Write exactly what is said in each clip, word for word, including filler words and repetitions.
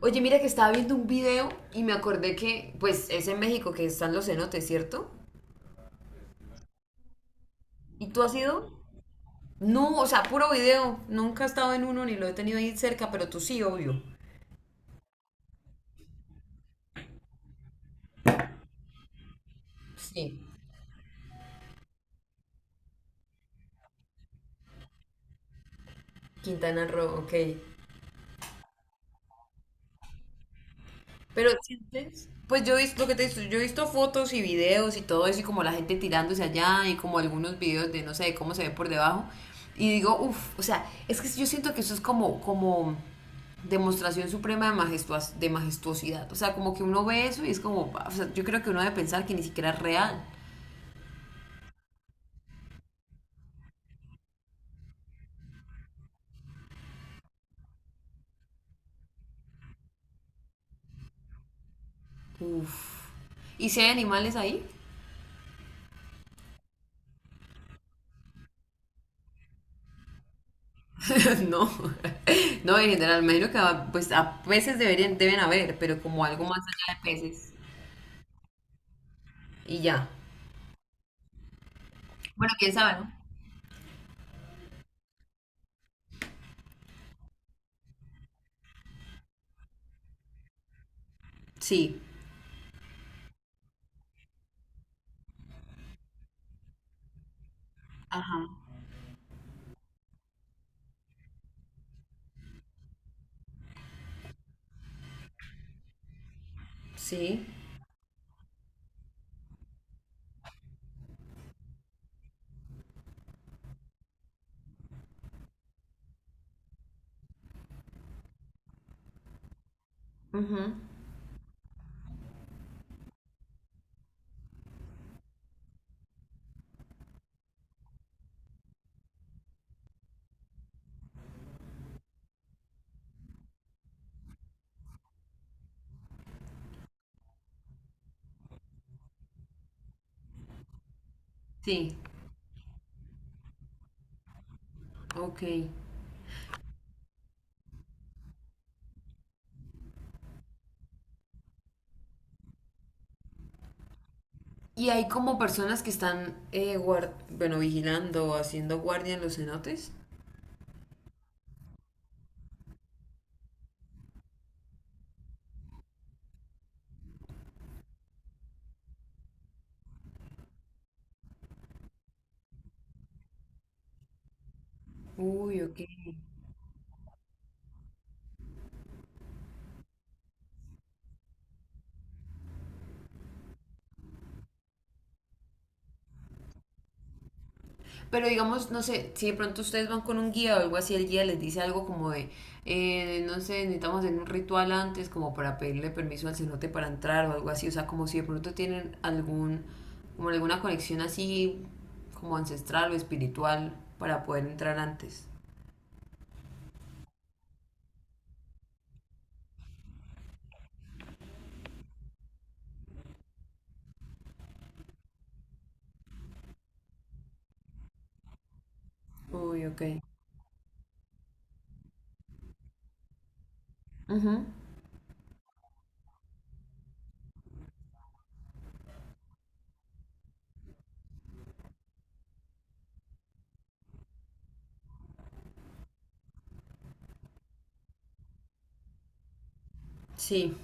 Oye, mira que estaba viendo un video y me acordé que, pues, es en México que están los cenotes, ¿cierto? ¿Y tú has ido? No, o sea, puro video. Nunca he estado en uno ni lo he tenido ahí cerca, pero tú sí, obvio. Sí. Quintana Roo, ok. Pero sientes, pues yo he visto lo que te he visto, yo he visto fotos y videos y todo eso y como la gente tirándose allá y como algunos videos de no sé cómo se ve por debajo y digo, uff, o sea, es que yo siento que eso es como como demostración suprema de majestuos- de majestuosidad, o sea, como que uno ve eso y es como, "Ah, o sea, yo creo que uno debe pensar que ni siquiera es real." Uff. ¿Y si hay animales ahí? No, no, en general, me imagino que ah, pues a peces deberían, deben haber, pero como algo más allá de peces y ya. Bueno, quién sabe, ¿no? Sí. Ajá. Sí. Ujú. Sí. Ok. ¿Y hay como personas que están, eh, guar- bueno, vigilando o haciendo guardia en los cenotes? Uy, ok. Pero digamos, no sé, si de pronto ustedes van con un guía o algo así, el guía les dice algo como de, eh, no sé, necesitamos hacer un ritual antes como para pedirle permiso al cenote para entrar o algo así. O sea, como si de pronto tienen algún, como alguna conexión así como ancestral o espiritual para poder entrar antes. Uy, ok. Ujú. Sí,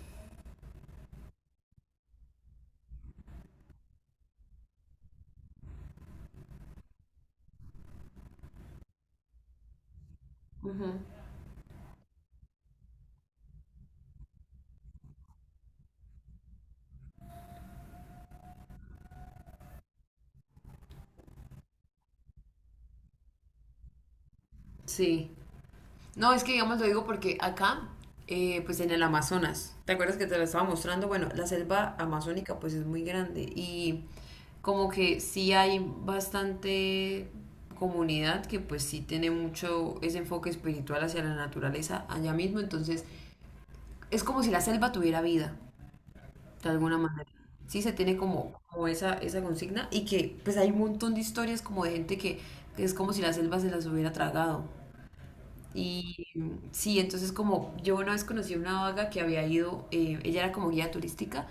sí. No, es que digamos lo digo porque acá, eh, pues en el Amazonas, ¿te acuerdas que te lo estaba mostrando? Bueno, la selva amazónica pues es muy grande y como que sí hay bastante comunidad que pues sí tiene mucho ese enfoque espiritual hacia la naturaleza allá mismo, entonces es como si la selva tuviera vida, de alguna manera. Sí, se tiene como, como esa, esa consigna y que pues hay un montón de historias como de gente que, que es como si la selva se las hubiera tragado. Y mm, sí, entonces como yo una vez conocí a una vaga que había ido, eh, ella era como guía turística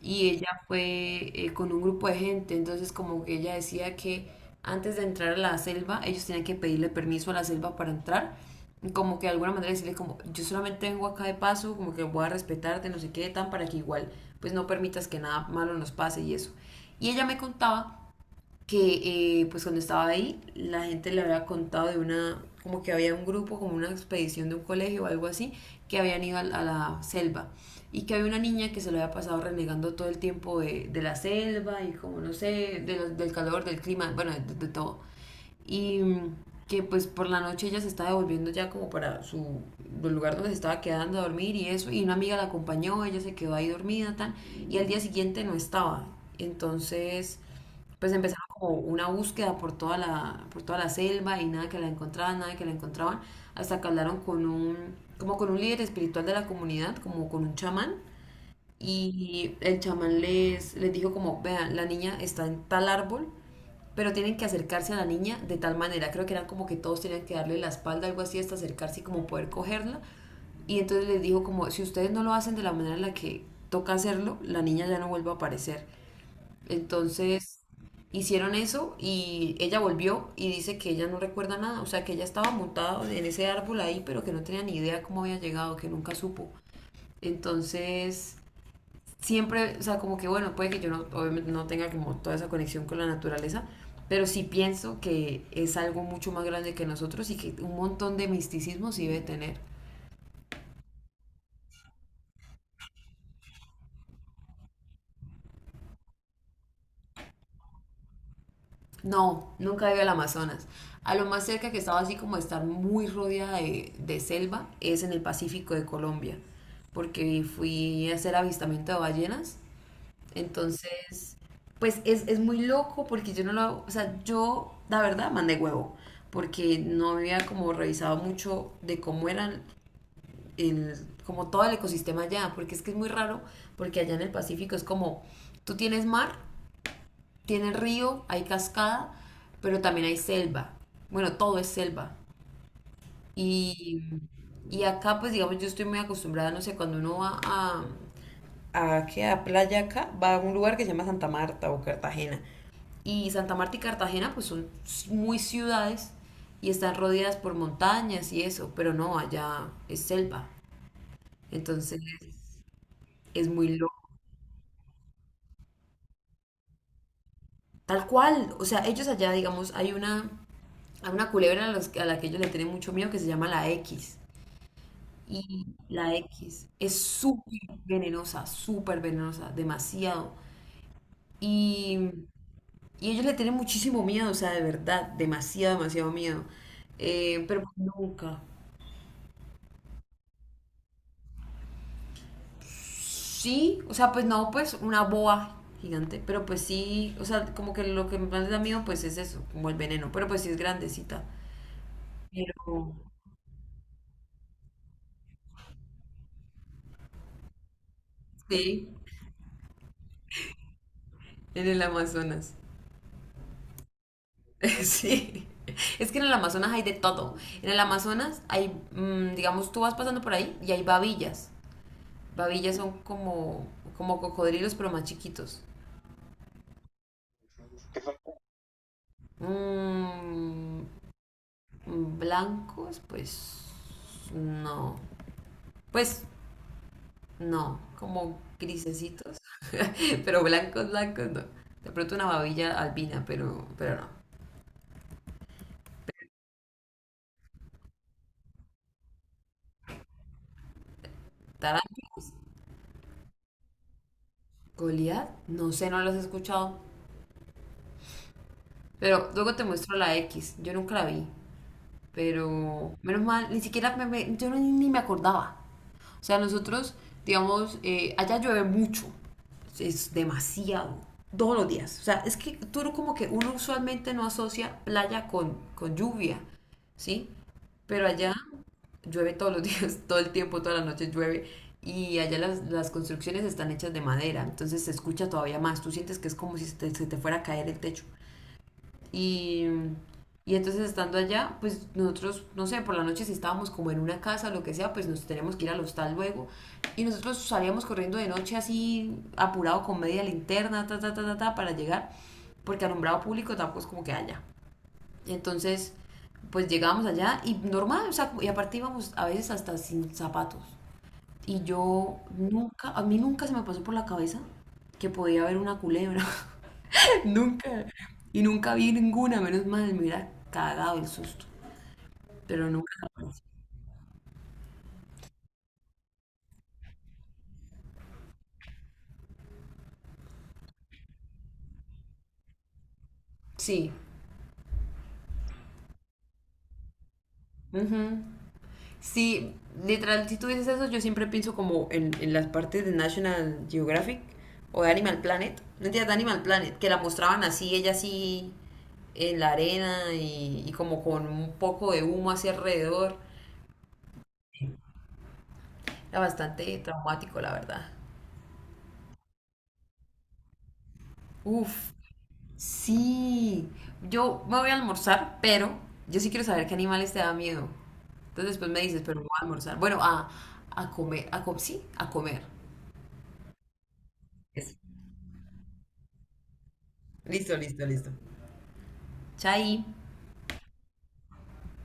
y ella fue eh, con un grupo de gente, entonces como que ella decía que antes de entrar a la selva ellos tenían que pedirle permiso a la selva para entrar, y como que de alguna manera decirle como yo solamente vengo acá de paso, como que voy a respetarte, no sé qué, tan para que igual pues no permitas que nada malo nos pase y eso. Y ella me contaba que eh, pues cuando estaba ahí la gente le había contado de una, como que había un grupo, como una expedición de un colegio o algo así, que habían ido a, a la selva y que había una niña que se lo había pasado renegando todo el tiempo de, de la selva y como no sé, de lo- del calor, del clima, bueno, de, de todo. Y mm, que pues por la noche ella se estaba devolviendo ya como para su el lugar donde se estaba quedando a dormir y eso, y una amiga la acompañó, ella se quedó ahí dormida, tan, y al día siguiente no estaba. Entonces pues empezaron como una búsqueda por toda la, por toda la selva y nada que la encontraban, nada que la encontraban, hasta que hablaron con un, como con un líder espiritual de la comunidad, como con un chamán, y el chamán les, les dijo como, vean, la niña está en tal árbol, pero tienen que acercarse a la niña de tal manera, creo que eran como que todos tenían que darle la espalda, algo así, hasta acercarse y como poder cogerla, y entonces les dijo como, si ustedes no lo hacen de la manera en la que toca hacerlo, la niña ya no vuelve a aparecer. Entonces hicieron eso y ella volvió y dice que ella no recuerda nada, o sea, que ella estaba montada en ese árbol ahí, pero que no tenía ni idea cómo había llegado, que nunca supo. Entonces, siempre, o sea, como que bueno, puede que yo no, obviamente no tenga como toda esa conexión con la naturaleza, pero sí pienso que es algo mucho más grande que nosotros y que un montón de misticismo sí debe tener. No, nunca he ido al Amazonas. A lo más cerca que he estado así como de estar muy rodeada de, de selva es en el Pacífico de Colombia, porque fui a hacer avistamiento de ballenas. Entonces, pues es, es muy loco porque yo no lo hago, o sea, yo la verdad mandé huevo, porque no había como revisado mucho de cómo eran el, como todo el ecosistema allá, porque es que es muy raro, porque allá en el Pacífico es como, tú tienes mar, tiene río, hay cascada, pero también hay selva. Bueno, todo es selva. Y, y acá, pues digamos, yo estoy muy acostumbrada, no sé, cuando uno va a... ¿A qué? A playa acá, va a un lugar que se llama Santa Marta o Cartagena. Y Santa Marta y Cartagena, pues son muy ciudades y están rodeadas por montañas y eso, pero no, allá es selva. Entonces, es muy loco. Tal cual, o sea, ellos allá, digamos, hay una, hay una culebra a, los- a la que ellos le tienen mucho miedo que se llama la equis. Y la equis es súper venenosa, súper venenosa, demasiado. Y, y ellos le tienen muchísimo miedo, o sea, de verdad, demasiado, demasiado miedo. Eh, pero pues nunca. Sí, o sea, pues no, pues una boa gigante, pero pues sí, o sea, como que lo que más les da miedo, pues es eso, como el veneno, pero pues sí es grandecita. Pero sí. En el Amazonas. Sí. Es que en el Amazonas hay de todo. En el Amazonas hay, mm, digamos, tú vas pasando por ahí y hay babillas. Babillas son como, como cocodrilos, pero más chiquitos. Mm, mm, blancos, pues no. Pues no, como grisecitos. Pero blancos, blancos no. De pronto una babilla albina, pero, pero no. Tarántulas. Goliat, no sé, no los he escuchado. Pero luego te muestro la equis. Yo nunca la vi. Pero menos mal, ni siquiera me, me- yo no- ni me acordaba. O sea, nosotros, digamos, eh, allá llueve mucho. Es demasiado. Todos los días. O sea, es que tú no- como que uno usualmente no asocia playa con, con lluvia. ¿Sí? Pero allá llueve todos los días, todo el tiempo, toda la noche llueve. Y allá las, las construcciones están hechas de madera. Entonces se escucha todavía más. Tú sientes que es como si se te, se te fuera a caer el techo. Y, y entonces estando allá, pues nosotros, no sé, por la noche si estábamos como en una casa, o lo que sea, pues nos teníamos que ir al hostal luego. Y nosotros salíamos corriendo de noche así, apurado con media linterna, ta, ta, ta, ta, ta, para llegar, porque alumbrado público tampoco es como que haya. Y entonces, pues llegábamos allá y normal, o sea, y aparte íbamos a veces hasta sin zapatos. Y yo nunca, a mí nunca se me pasó por la cabeza que podía haber una culebra. Nunca. Y nunca vi ninguna, menos mal, me hubiera cagado el susto. Pero nunca jamás. Sí. Ujú. Sí, literal, si tú dices eso, yo siempre pienso como en, en las partes de National Geographic o de Animal Planet. No entiendes, de Animal Planet, que la mostraban así, ella así en la arena y, y como con un poco de humo hacia alrededor. Era bastante traumático, la verdad. Uf, sí. Yo me voy a almorzar, pero yo sí quiero saber qué animales te da miedo. Entonces después me dices, pero no voy a almorzar. Bueno, a, a comer, a co- sí, a comer. Eso. Listo, listo, listo. Chai.